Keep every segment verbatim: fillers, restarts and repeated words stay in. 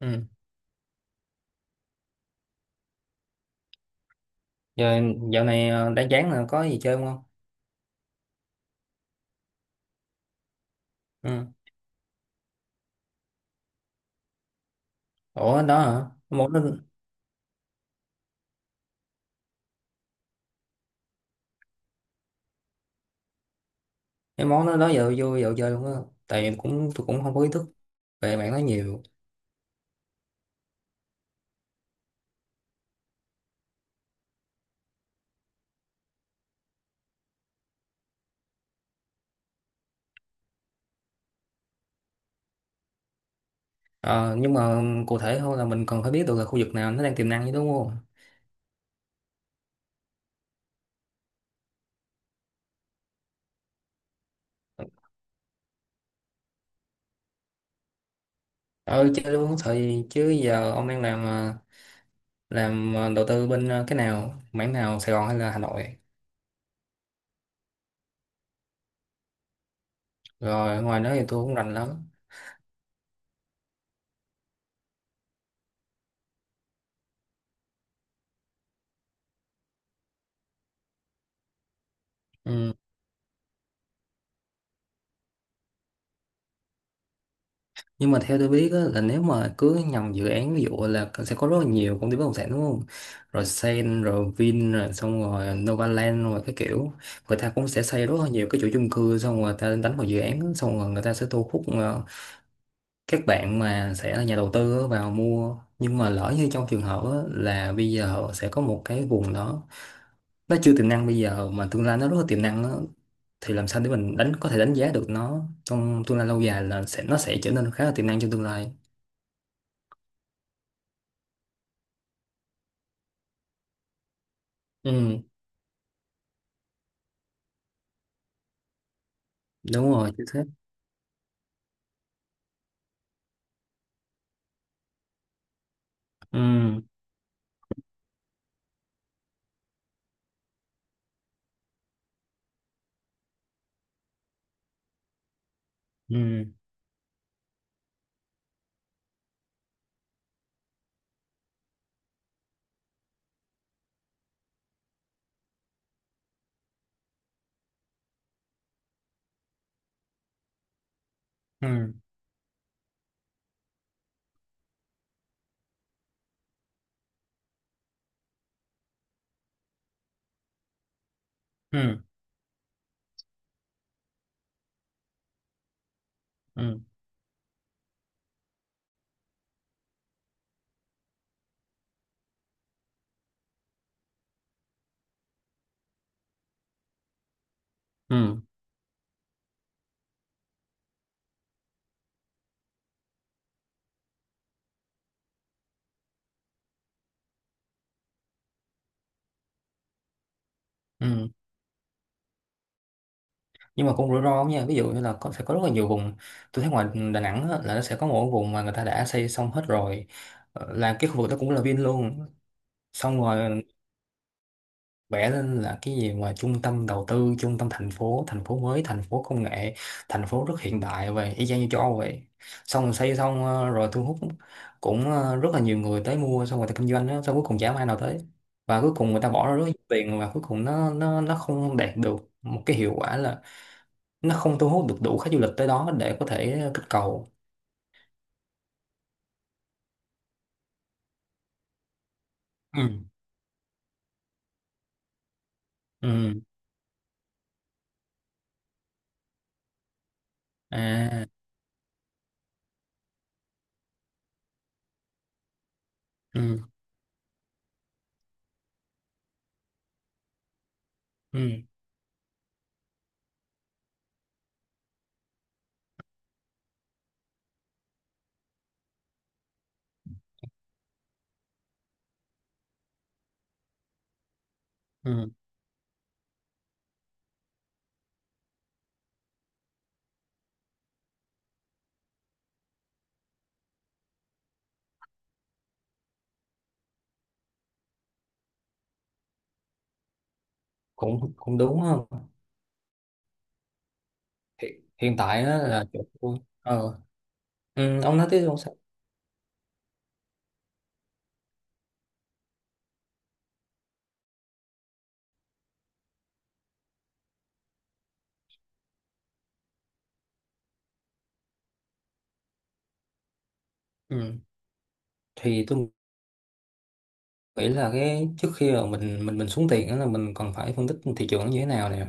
Ừ. Giờ dạo này ờ, đã chán là có gì chơi không? Ừ. Ủa đó hả? Món đó, cái món đó đó giờ vô dạo chơi luôn á. Tại cũng tôi cũng không có ý thức về bạn nói nhiều. Ờ, nhưng mà cụ thể thôi là mình cần phải biết được là khu vực nào nó đang tiềm năng chứ đúng không? Ừ chơi luôn thời chứ giờ ông đang làm ờ, làm ờ, đầu tư bên ờ, cái nào, mảng nào Sài Gòn hay là Hà Nội? Rồi ngoài đó thì tôi cũng rành lắm. Ừ. Nhưng mà theo tôi biết á, là nếu mà cứ nhầm dự án ví dụ là sẽ có rất là nhiều công ty bất động sản đúng không? Rồi Sen, rồi Vin, rồi xong rồi Novaland, rồi cái kiểu người ta cũng sẽ xây rất là nhiều cái chuỗi chung cư xong rồi người ta đánh vào dự án á, xong rồi người ta sẽ thu hút ờ, các bạn mà sẽ là nhà đầu tư á, vào mua nhưng mà lỡ như trong trường hợp á, là bây giờ họ sẽ có một cái vùng đó nó chưa tiềm năng bây giờ mà tương lai nó rất là tiềm năng á, thì làm sao để mình đánh có thể đánh giá được nó trong tương lai lâu dài là sẽ nó sẽ trở nên khá là tiềm năng trong tương lai. Ừ, đúng rồi, chính xác. Ừ, ừ, ừ, ừ, ừ, ừ, ừ. Nhưng mà cũng rủi ro lắm nha, ví dụ như là có sẽ có rất là nhiều vùng. Tôi thấy ngoài Đà Nẵng á, là nó sẽ có một cái vùng mà người ta đã xây xong hết rồi. Ờ, là cái khu vực đó cũng là Vin luôn, xong rồi vẽ lên là cái gì mà trung tâm đầu tư, trung tâm thành phố, thành phố mới, thành phố công nghệ, thành phố rất hiện đại về y chang như châu Âu vậy, xong rồi xây xong ờ, rồi thu hút cũng ờ, rất là nhiều người tới mua, xong người ta kinh doanh đó, xong cuối cùng chả ai nào tới, và cuối cùng người ta bỏ ra rất nhiều tiền, và cuối cùng nó nó nó không đạt được một cái hiệu quả là nó không thu hút được đủ khách du lịch tới đó để có thể kích cầu. Ừ. Ừ. À. Ừ, ừ, ừ, cũng cũng đúng không? Hiện, hiện tại á là chỗ tôi ờ. Ừ, ông nói tiếp không sao. Ừ. Thì tôi nghĩ là cái trước khi mà mình mình mình xuống tiền á là mình còn phải phân tích thị trường nó như thế nào nè,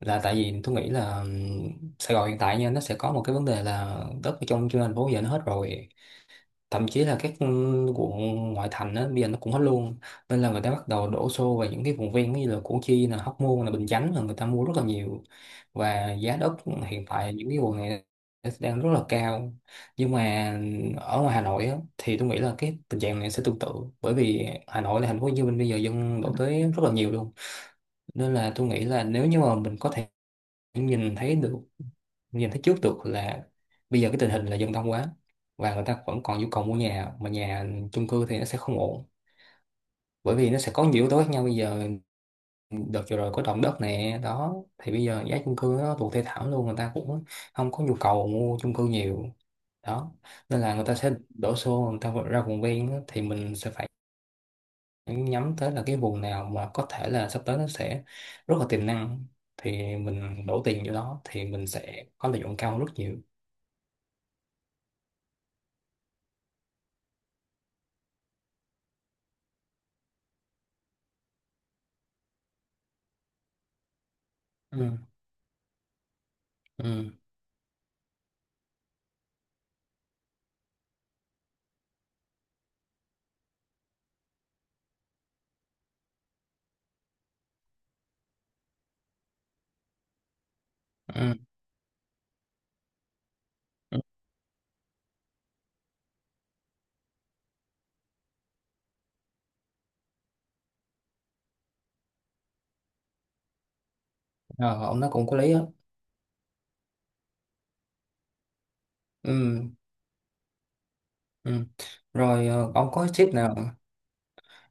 là tại vì tôi nghĩ là ừm, Sài Gòn hiện tại nha, nó sẽ có một cái vấn đề là đất ở trong trên thành phố giờ nó hết rồi, thậm chí là các quận ngoại thành á, bây giờ nó cũng hết luôn, nên là người ta bắt đầu đổ xô vào những cái vùng ven như là Củ Chi, là Hóc Môn, là Bình Chánh, là người ta mua rất là nhiều, và giá đất hiện tại những cái quận này đang rất là cao. Nhưng mà ở ngoài Hà Nội á, thì tôi nghĩ là cái tình trạng này sẽ tương tự, bởi vì Hà Nội là thành phố Hồ Chí Minh bây giờ dân đổ tới rất là nhiều luôn, nên là tôi nghĩ là nếu như mà mình có thể nhìn thấy được, nhìn thấy trước được là bây giờ cái tình hình là dân đông quá, và người ta vẫn còn nhu cầu mua nhà, mà nhà chung cư thì nó sẽ không ổn, bởi vì nó sẽ có nhiều yếu tố khác nhau. Bây giờ đợt vừa rồi có động đất nè đó, thì bây giờ giá chung cư nó tụt thê thảm luôn, người ta cũng không có nhu cầu mua chung cư nhiều đó, nên là người ta sẽ đổ xô, người ta ra vùng ven á, thì mình sẽ phải nhắm tới là cái vùng nào mà có thể là sắp tới nó sẽ rất là tiềm năng, thì mình đổ tiền vô đó thì mình sẽ có lợi nhuận cao hơn rất nhiều. Ừ, ừ, ừ, ừ. Ờ, ông nói cũng có lý á. Ừ, ừ. Rồi ờ, ông có tip nào,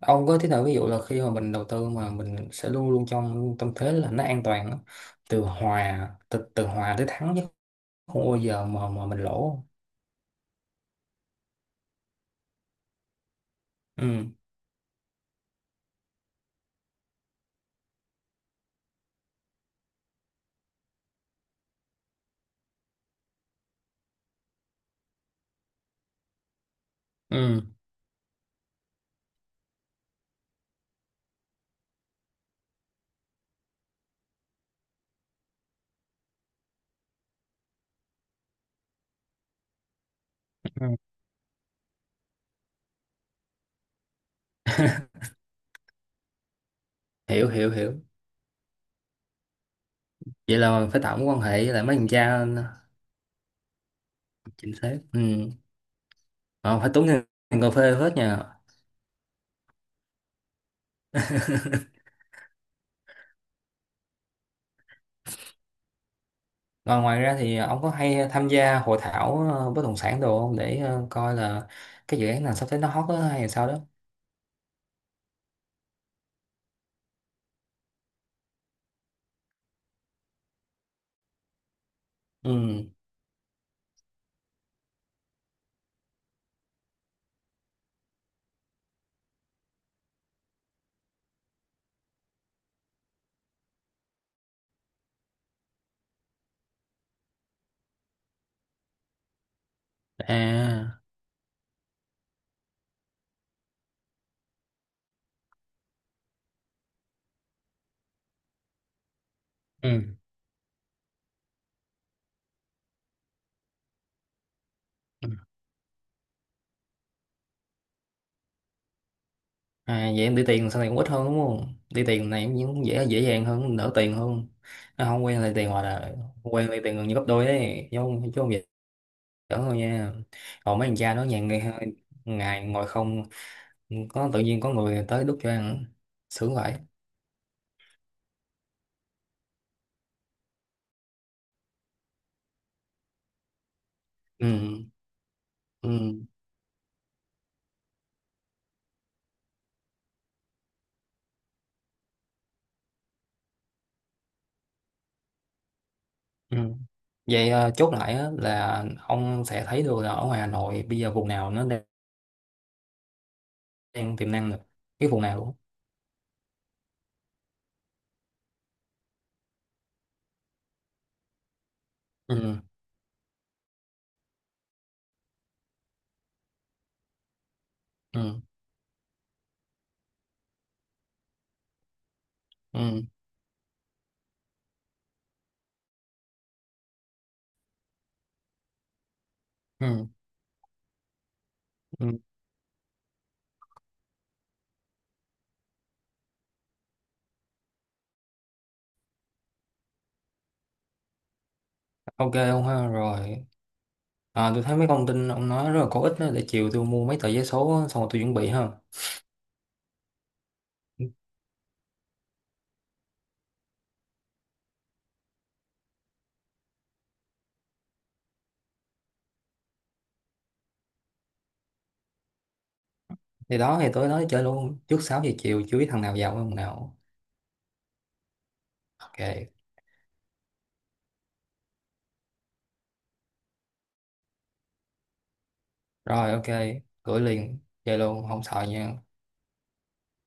ông có tip nào ví dụ là khi mà mình đầu tư mà mình sẽ luôn luôn trong tâm thế là nó an toàn á, từ hòa từ, từ hòa tới thắng chứ không bao giờ mà mà mình lỗ không? Ừ, ừ, ừ. Hiểu, hiểu, hiểu. Vậy là mình phải tạo mối quan hệ với lại mấy thằng cha. Chính xác. Ừ. Ờ, phải tốn tiền, tiền cà phê hết nha. Ờ, ngoài ra thì ờ, ông có hay ờ, tham gia hội thảo ờ, bất động sản đồ không để ờ, coi là cái dự án nào sắp tới nó hot á hay là sao đó? Ừ, à, ừ. Ừ. À vậy em đi tiền sau này cũng ít hơn đúng không, đi tiền này cũng dễ, dễ dàng hơn, đỡ tiền hơn. À, không quen lấy tiền, hoặc là quen lấy tiền gần như gấp đôi đấy chứ, không chứ không vậy đỡ thôi nha. Còn mấy thằng cha đó nhà ngày, ngày ngồi không, có tự nhiên có người tới đút cho ăn, sướng vậy. Ừ. Ừ, ừ. Vậy ờ, chốt lại á, là ông sẽ thấy được là ở ngoài Hà Nội bây giờ vùng nào nó đang, đang tiềm năng được, cái vùng nào luôn? Ừ, ừ, ừ, ừ, ừ. OK ông ha. Rồi à, tôi thấy mấy thông tin ông nói rất là có ích đó, để chiều tôi mua mấy tờ vé số xong rồi tôi chuẩn bị ha. Thì đó, thì tối nói chơi luôn, trước sáu giờ chiều chưa biết thằng nào vào thằng nào. OK. Rồi, ok, gửi liền, chơi luôn không sợ nha.